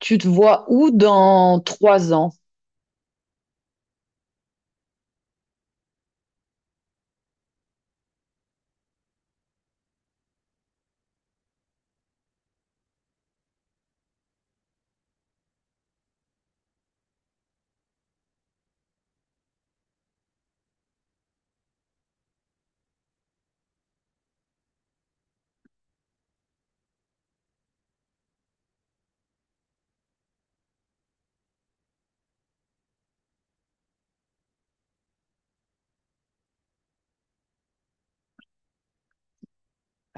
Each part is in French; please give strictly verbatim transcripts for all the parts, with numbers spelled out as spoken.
Tu te vois où dans trois ans?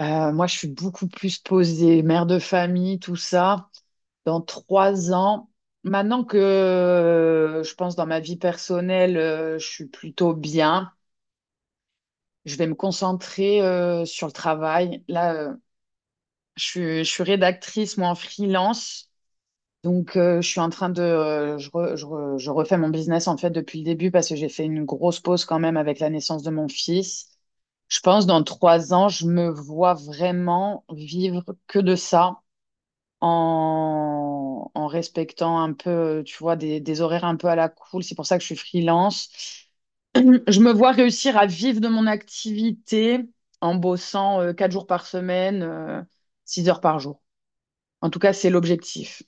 Euh, moi, je suis beaucoup plus posée, mère de famille, tout ça. Dans trois ans, maintenant que euh, je pense dans ma vie personnelle, euh, je suis plutôt bien. Je vais me concentrer euh, sur le travail. Là, euh, je suis, je suis rédactrice, moi, en freelance. Donc, euh, je suis en train de, euh, je, re- je re- je refais mon business en fait depuis le début parce que j'ai fait une grosse pause quand même avec la naissance de mon fils. Je pense dans trois ans, je me vois vraiment vivre que de ça en, en respectant un peu, tu vois, des, des horaires un peu à la cool. C'est pour ça que je suis freelance. Je me vois réussir à vivre de mon activité en bossant euh, quatre jours par semaine, euh, six heures par jour. En tout cas, c'est l'objectif.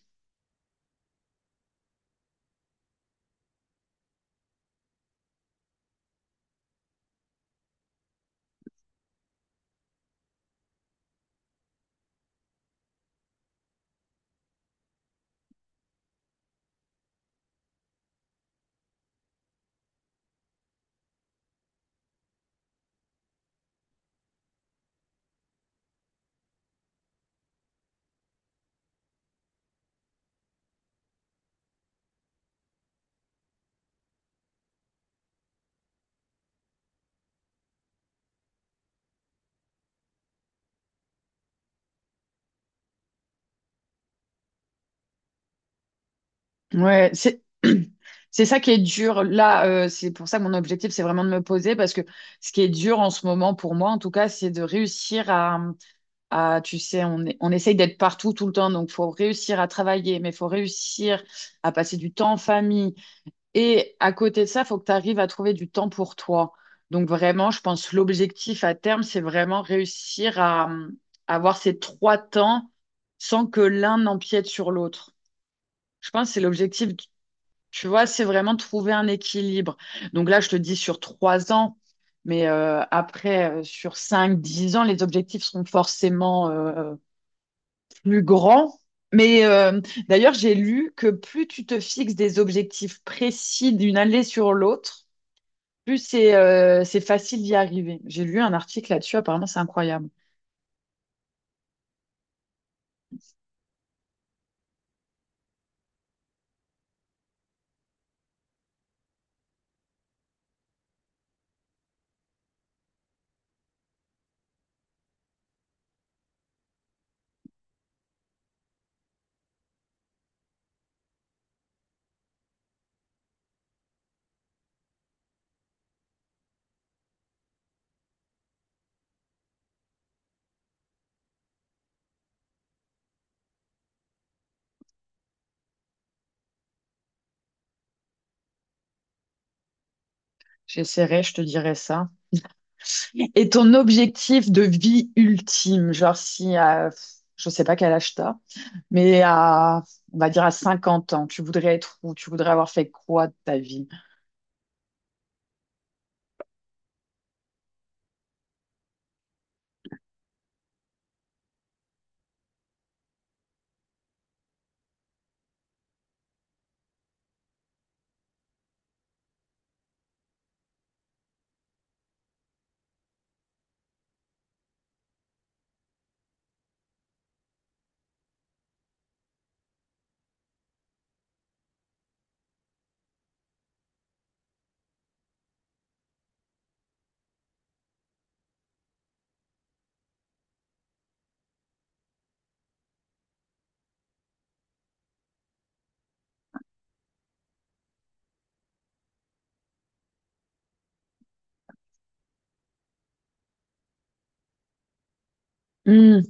Ouais, c'est c'est ça qui est dur. Là, euh, c'est pour ça que mon objectif, c'est vraiment de me poser parce que ce qui est dur en ce moment pour moi, en tout cas, c'est de réussir à, à tu sais, on est- on essaye d'être partout tout le temps, donc faut réussir à travailler, mais faut réussir à passer du temps en famille. Et à côté de ça, faut que tu arrives à trouver du temps pour toi. Donc vraiment, je pense l'objectif à terme, c'est vraiment réussir à euh, avoir ces trois temps sans que l'un n'empiète sur l'autre. Je pense que c'est l'objectif, tu vois, c'est vraiment trouver un équilibre. Donc là, je te dis sur trois ans, mais euh, après, euh, sur cinq, dix ans, les objectifs seront forcément euh, plus grands. Mais euh, d'ailleurs, j'ai lu que plus tu te fixes des objectifs précis d'une année sur l'autre, plus c'est euh, c'est facile d'y arriver. J'ai lu un article là-dessus, apparemment, c'est incroyable. J'essaierai, je te dirai ça. Et ton objectif de vie ultime, genre si, euh, je sais pas quel âge t'as. Mais à, on va dire à cinquante ans, tu voudrais être où? Tu voudrais avoir fait quoi de ta vie? Hmm,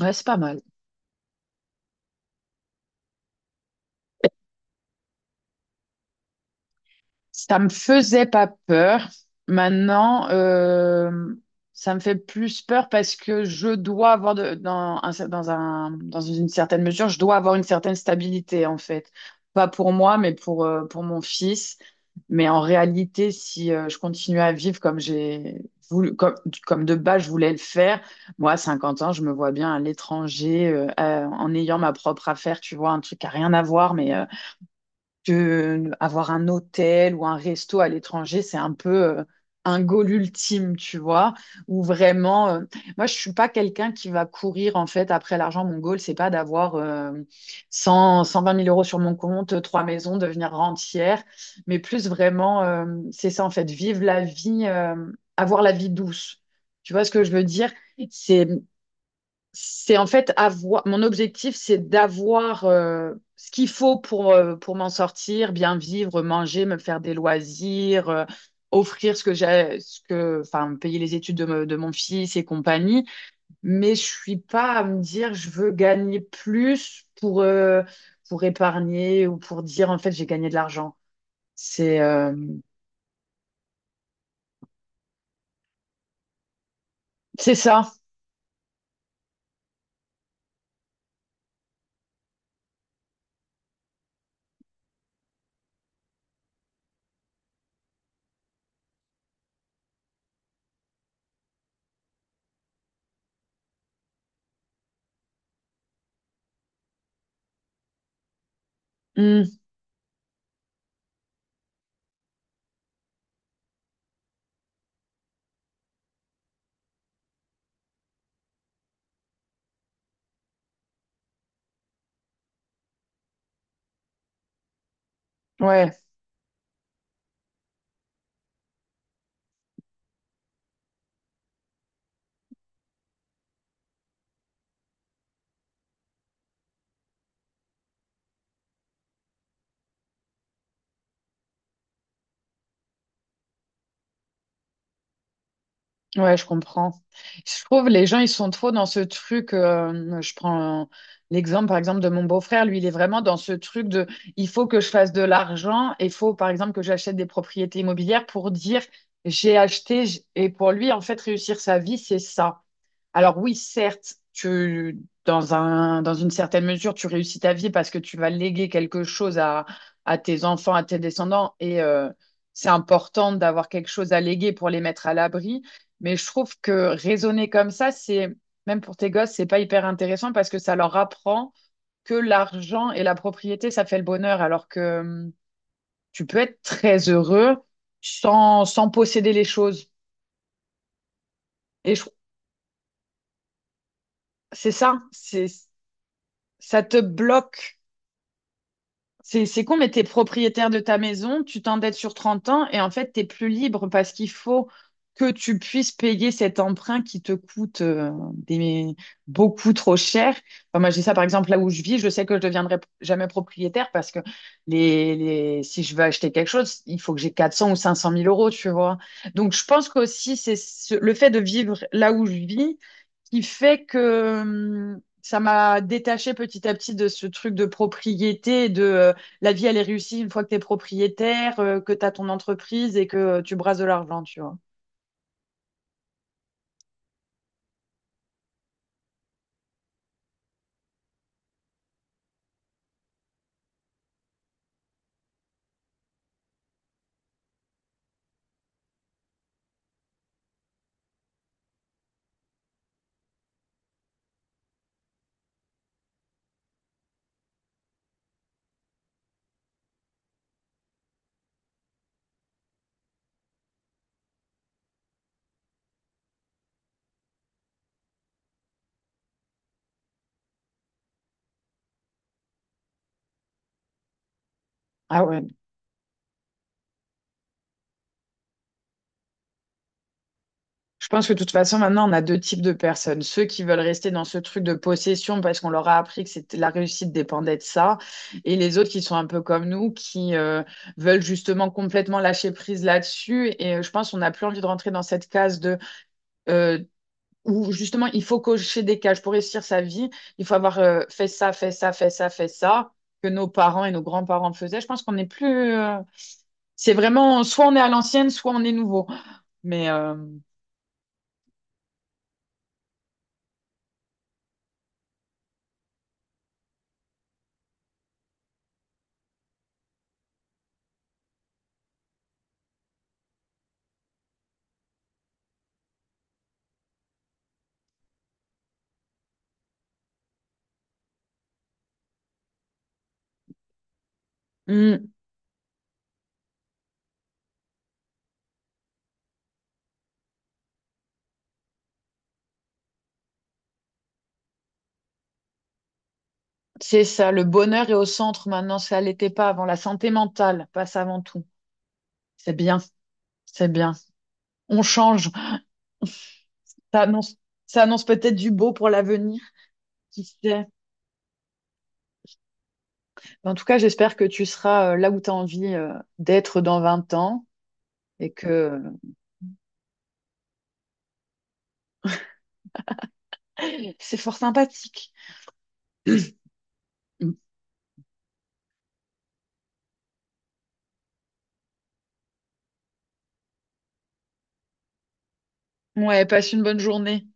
ouais, c'est pas mal. Ça me faisait pas peur. Maintenant, euh, ça me fait plus peur parce que je dois avoir de- dans un cer- dans un- dans une certaine mesure, je dois avoir une certaine stabilité en fait. Pas pour moi, mais pour, euh, pour mon fils. Mais en réalité, si euh, je continue à vivre comme j'ai voulu, comme, comme de base je voulais le faire, moi, à cinquante ans, je me vois bien à l'étranger, euh, euh, en ayant ma propre affaire, tu vois, un truc à rien à voir, mais euh, que avoir un hôtel ou un resto à l'étranger, c'est un peu euh, un goal ultime, tu vois, ou vraiment euh, moi je suis pas quelqu'un qui va courir en fait après l'argent. Mon goal, c'est pas d'avoir euh, cent cent vingt mille euros sur mon compte, euh, trois maisons, devenir rentière, mais plus vraiment euh, c'est ça en fait, vivre la vie, euh, avoir la vie douce. Tu vois ce que je veux dire? C'est c'est en fait avoir mon objectif, c'est d'avoir euh, ce qu'il faut pour, euh, pour m'en sortir, bien vivre, manger, me faire des loisirs, euh, offrir ce que j'ai, ce que, enfin, payer les études de, me- de mon fils et compagnie. Mais je suis pas à me dire je veux gagner plus pour, euh, pour épargner ou pour dire en fait j'ai gagné de l'argent. C'est euh, c'est ça. Mm. Ouais. Ouais, je comprends. Je trouve les gens, ils sont trop dans ce truc. Euh, je prends l'exemple, par exemple, de mon beau-frère. Lui, il est vraiment dans ce truc de il faut que je fasse de l'argent et il faut, par exemple, que j'achète des propriétés immobilières pour dire j'ai acheté. j- Et pour lui, en fait, réussir sa vie, c'est ça. Alors oui, certes, tu, dans un, dans une certaine mesure, tu réussis ta vie parce que tu vas léguer quelque chose à, à tes enfants, à tes descendants, et euh, c'est important d'avoir quelque chose à léguer pour les mettre à l'abri. Mais je trouve que raisonner comme ça, c'est, même pour tes gosses, c'est pas hyper intéressant parce que ça leur apprend que l'argent et la propriété, ça fait le bonheur, alors que hum, tu peux être très heureux sans, sans posséder les choses. Et je- c'est ça, c'est, ça te bloque. C'est, c'est con, mais t'es propriétaire de ta maison, tu t'endettes sur trente ans et en fait, t'es plus libre parce qu'il faut que tu puisses payer cet emprunt qui te coûte euh, des- beaucoup trop cher. Enfin, moi, j'ai ça par exemple là où je vis, je sais que je ne deviendrai jamais propriétaire parce que les, les- si je veux acheter quelque chose, il faut que j'ai quatre cents ou cinq cent mille euros, tu vois. Donc, je pense qu'aussi, c'est ce- le fait de vivre là où je vis qui fait que hum, ça m'a détaché petit à petit de ce truc de propriété, de euh, la vie, elle est réussie une fois que tu es propriétaire, euh, que tu as ton entreprise et que euh, tu brasses de l'argent, tu vois. Ah ouais. Je pense que de toute façon, maintenant, on a deux types de personnes. Ceux qui veulent rester dans ce truc de possession parce qu'on leur a appris que c'était- la réussite dépendait de ça. Et les autres qui sont un peu comme nous, qui euh, veulent justement complètement lâcher prise là-dessus. Et euh, je pense qu'on n'a plus envie de rentrer dans cette case de euh, où justement il faut cocher des cases pour réussir sa vie, il faut avoir euh, fait ça, fait ça, fait ça, fait ça, que nos parents et nos grands-parents faisaient. Je pense qu'on n'est plus. euh, C'est vraiment soit on est à l'ancienne, soit on est nouveau. Mais euh, hmm, c'est ça, le bonheur est au centre maintenant, ça l'était pas avant. La santé mentale passe avant tout. C'est bien, c'est bien. On change. Ça annonce, ça annonce peut-être du beau pour l'avenir. Qui sait? En tout cas, j'espère que tu seras euh, là où tu as envie euh, d'être dans vingt ans et que. C'est fort sympathique. Ouais, passe une bonne journée.